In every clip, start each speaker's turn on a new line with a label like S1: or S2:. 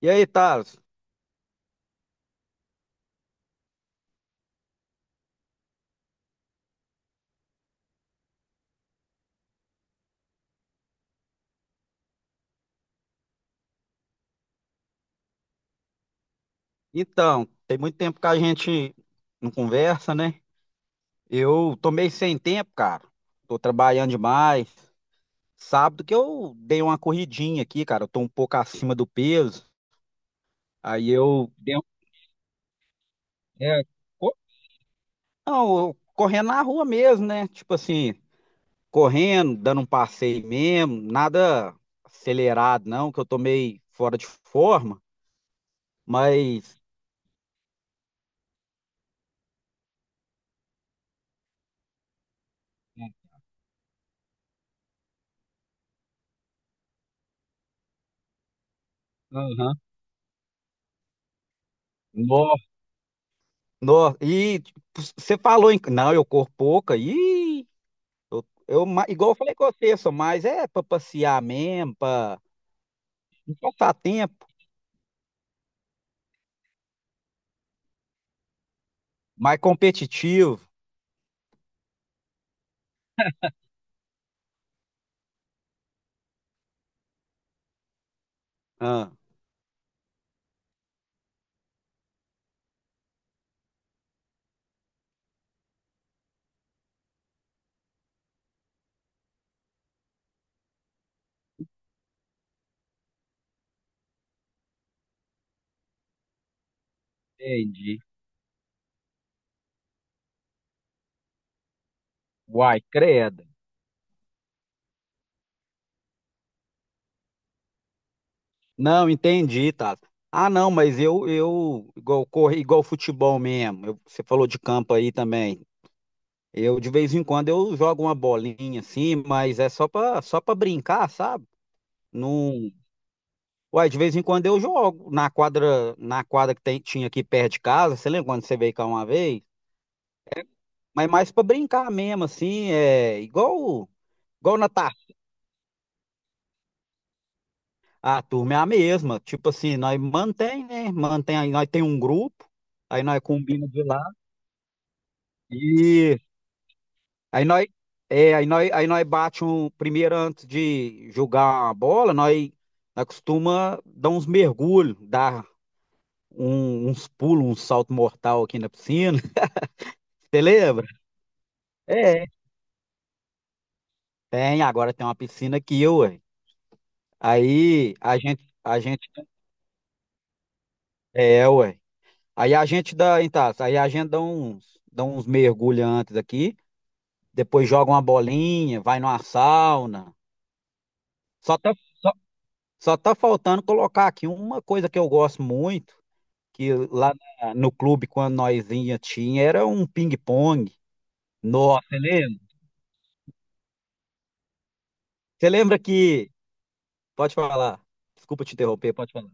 S1: E aí, Thales? Então, tem muito tempo que a gente não conversa, né? Eu tô meio sem tempo, cara. Tô trabalhando demais. Sábado que eu dei uma corridinha aqui, cara. Eu tô um pouco acima do peso. Aí eu dei é, co- não, eu correndo na rua mesmo, né? Tipo assim, correndo, dando um passeio mesmo, nada acelerado, não, que eu tô meio fora de forma, mas. Aham. Nossa, e tipo, você falou em. Não, eu corro pouca. Ih, igual eu falei com você, só mais é pra passear mesmo, pra não passar tempo, mais competitivo. Ah, entendi. Uai, credo. Não, entendi, tá. Ah, não, mas eu igual correr, igual futebol mesmo. Você falou de campo aí também. Eu, de vez em quando, eu jogo uma bolinha assim, mas é só para brincar, sabe? Não. Uai, de vez em quando eu jogo na quadra que tinha aqui perto de casa, você lembra quando você veio cá uma vez? Mas mais pra brincar mesmo, assim, é igual na tá. A turma é a mesma, tipo assim, nós mantém, né? Mantém aí, nós tem um grupo, aí nós combina de lá e aí nós é, aí nós bate um primeiro antes de jogar a bola, nós costuma dar uns mergulhos, dar uns pulos, um salto mortal aqui na piscina. Você lembra? É, agora tem uma piscina aqui, ué. Aí a gente, é, ué. Aí a gente dá, então, aí a gente dá uns mergulhos antes aqui, depois joga uma bolinha, vai numa sauna. Só tá, só, só tá faltando colocar aqui uma coisa que eu gosto muito, que lá no clube, quando nós ia, tinha, era um ping-pong. Nossa, você lembra? Você lembra que. Pode falar. Desculpa te interromper, pode falar.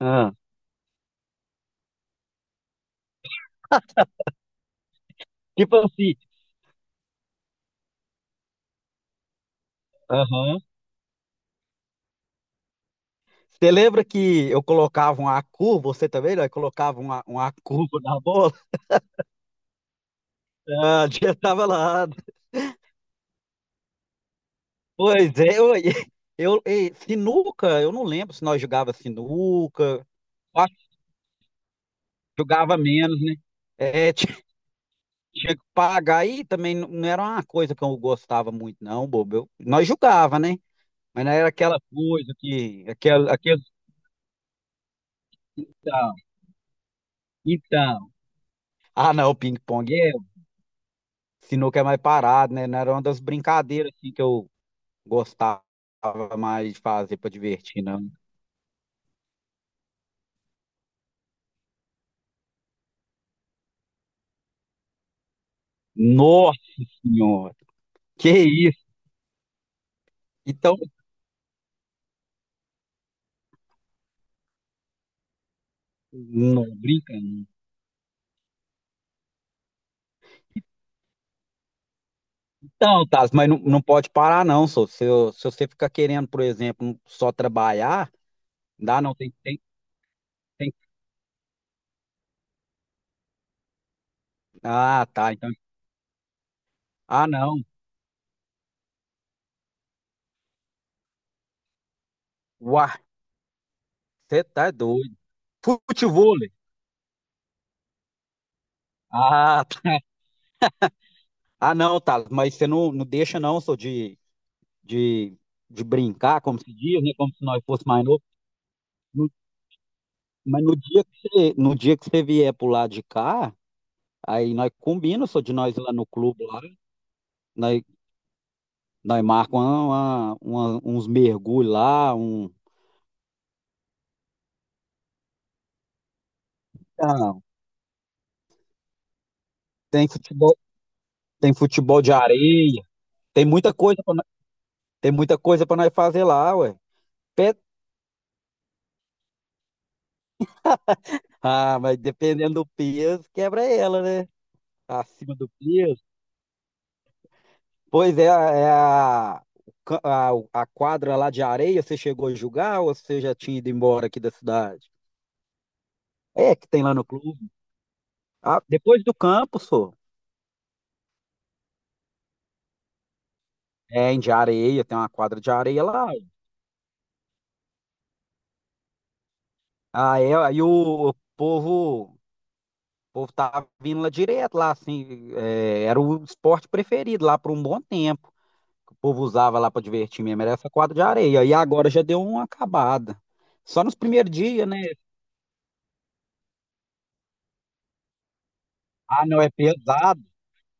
S1: Ah, tipo assim, aham. Você lembra que eu colocava uma curva, você também, né? Colocava uma curva na bola? Ah, já tava lá. Pois é, ei, sinuca, eu não lembro se nós jogava sinuca, eu acho que jogava menos, né? É, tinha que pagar aí também não era uma coisa que eu gostava muito, não, bobo. Nós jogava, né? Mas não era aquela coisa que, aquela, aquele, então, então. Ah, não, ping-pong é, sinuca é mais parado, né? Não era uma das brincadeiras assim, que eu gostava. Mais fazer para divertir, não. Nossa senhora, que isso? Então, não brinca, não. Então, Taz, mas não pode parar, não, só. Se você ficar querendo, por exemplo, só trabalhar, dá não, tem. Ah, tá, então. Ah, não. Uai, você tá doido. Futebol. Ah, tá. Ah, não, Taz, mas você não deixa, não, só de, de brincar, como se diz, né? Como se nós fosse mais novo. No- mas no dia que você, vier pro lado de cá. Aí nós combina, só de nós ir lá no clube lá, nós, nós marcamos uns mergulhos lá, um. Não, tem futebol, tem futebol de areia, tem muita coisa para tem muita coisa para nós fazer lá, ué. Pe- Ah, mas dependendo do peso, quebra ela, né? Acima do peso. Pois é, é a, o ca- a quadra lá de areia, você chegou a jogar ou você já tinha ido embora aqui da cidade? É, que tem lá no clube. Ah, depois do campo, só. É, em de areia, tem uma quadra de areia lá. Aí o povo tava vindo lá direto, lá, assim, era o esporte preferido lá por um bom tempo. Que o povo usava lá para divertir mesmo, era essa quadra de areia. E agora já deu uma acabada. Só nos primeiros dias, né? Ah, não, é pesado.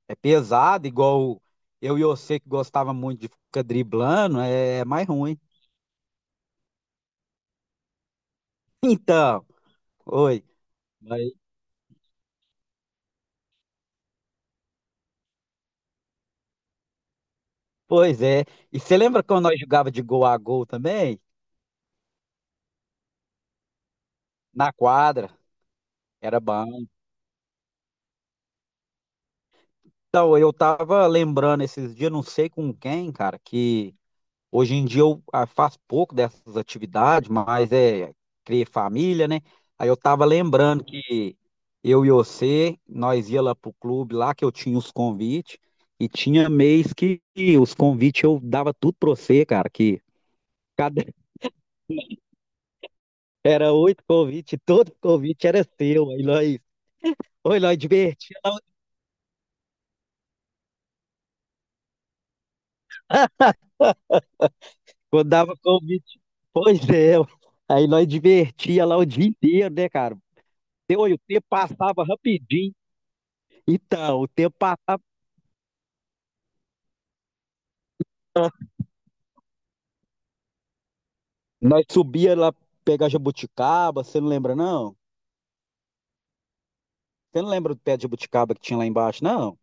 S1: É pesado, igual eu e você que gostava muito de ficar driblando, é mais ruim. Então, oi. mas- Pois é. E você lembra quando nós jogava de gol a gol também? Na quadra, era bom. Então, eu tava lembrando esses dias, não sei com quem, cara, que hoje em dia eu faço pouco dessas atividades, mas é criar família, né? Aí eu tava lembrando que eu e você, nós ia lá pro clube lá que eu tinha os convites e tinha mês que os convites eu dava tudo pra você, cara, que cada era oito convites, todo convite era seu. Aí nós, oi, nós divertia. Quando dava convite. Pois é. Aí nós divertia lá o dia inteiro, né, cara? Olha, o tempo passava rapidinho. Então, o tempo passava. Nós subia lá pegar jabuticaba, você não lembra, não? Você não lembra do pé de jabuticaba que tinha lá embaixo, não?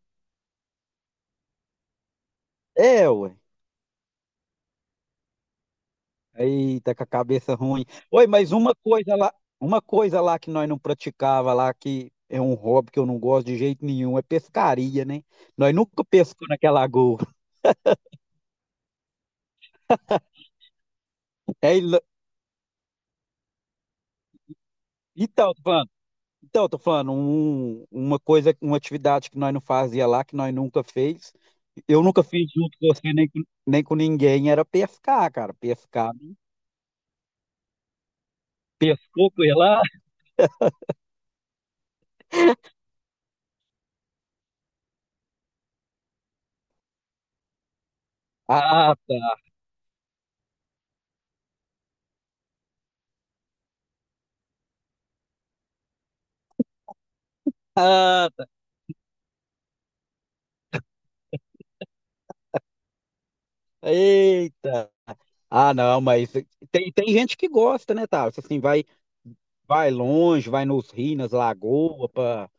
S1: É, ué. Eita, com a cabeça ruim. Oi, mas uma coisa lá que nós não praticava lá, que é um hobby que eu não gosto de jeito nenhum, é pescaria, né? Nós nunca pescamos naquela lagoa. É, então, tô falando. Então, eu tô falando, uma coisa, uma atividade que nós não fazia lá, que nós nunca fez. Eu nunca fiz junto com você, nem com ninguém, era pescar, cara. Pescar. Pescou com ela? Ah, tá. Ah, tá. Eita! Ah, não, mas tem gente que gosta, né, Tarso? Assim, vai longe, vai nos rios, nas lagoas, pra.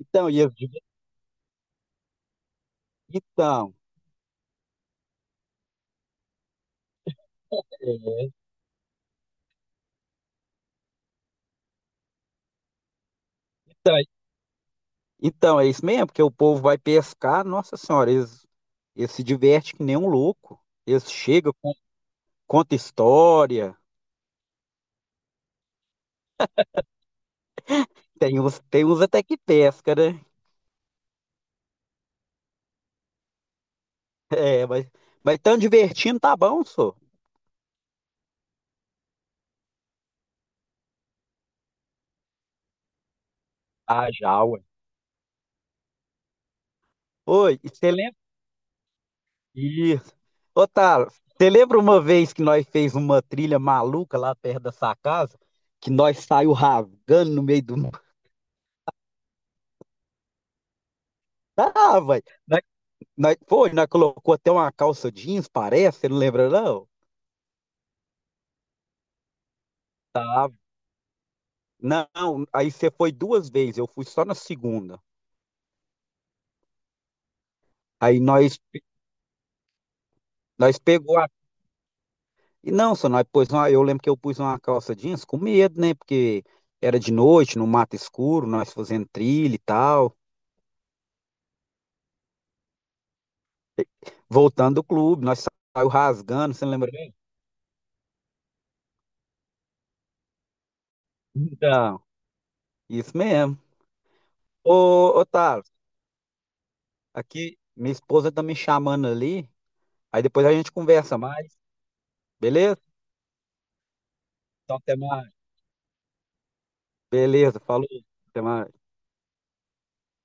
S1: Então, e eu digo, então, é, então. Então, é isso mesmo, porque o povo vai pescar, nossa senhora, eles se divertem que nem um louco. Eles chegam, conta história. Tem uns até que pesca, né? É, mas tão divertindo, tá bom, só. Ah, já, ué. Oi, e você lembra? Isso. Ô, Tala, você lembra uma vez que nós fez uma trilha maluca lá perto da sua casa? Que nós saiu rasgando no meio do. Ah, vai. Nós, nós colocou até uma calça jeans, parece, você não lembra, não? Tá, não, aí você foi duas vezes, eu fui só na segunda. Aí nós pegou a. E não, só nós pôs uma, eu lembro que eu pus uma calça jeans com medo, né? Porque era de noite, no mato escuro, nós fazendo trilha e tal. Voltando do clube, nós saiu rasgando, você lembra bem? Então, isso mesmo. Ô Thales, aqui minha esposa tá me chamando ali, aí depois a gente conversa mais, beleza? Então até mais. Beleza, falou, até mais.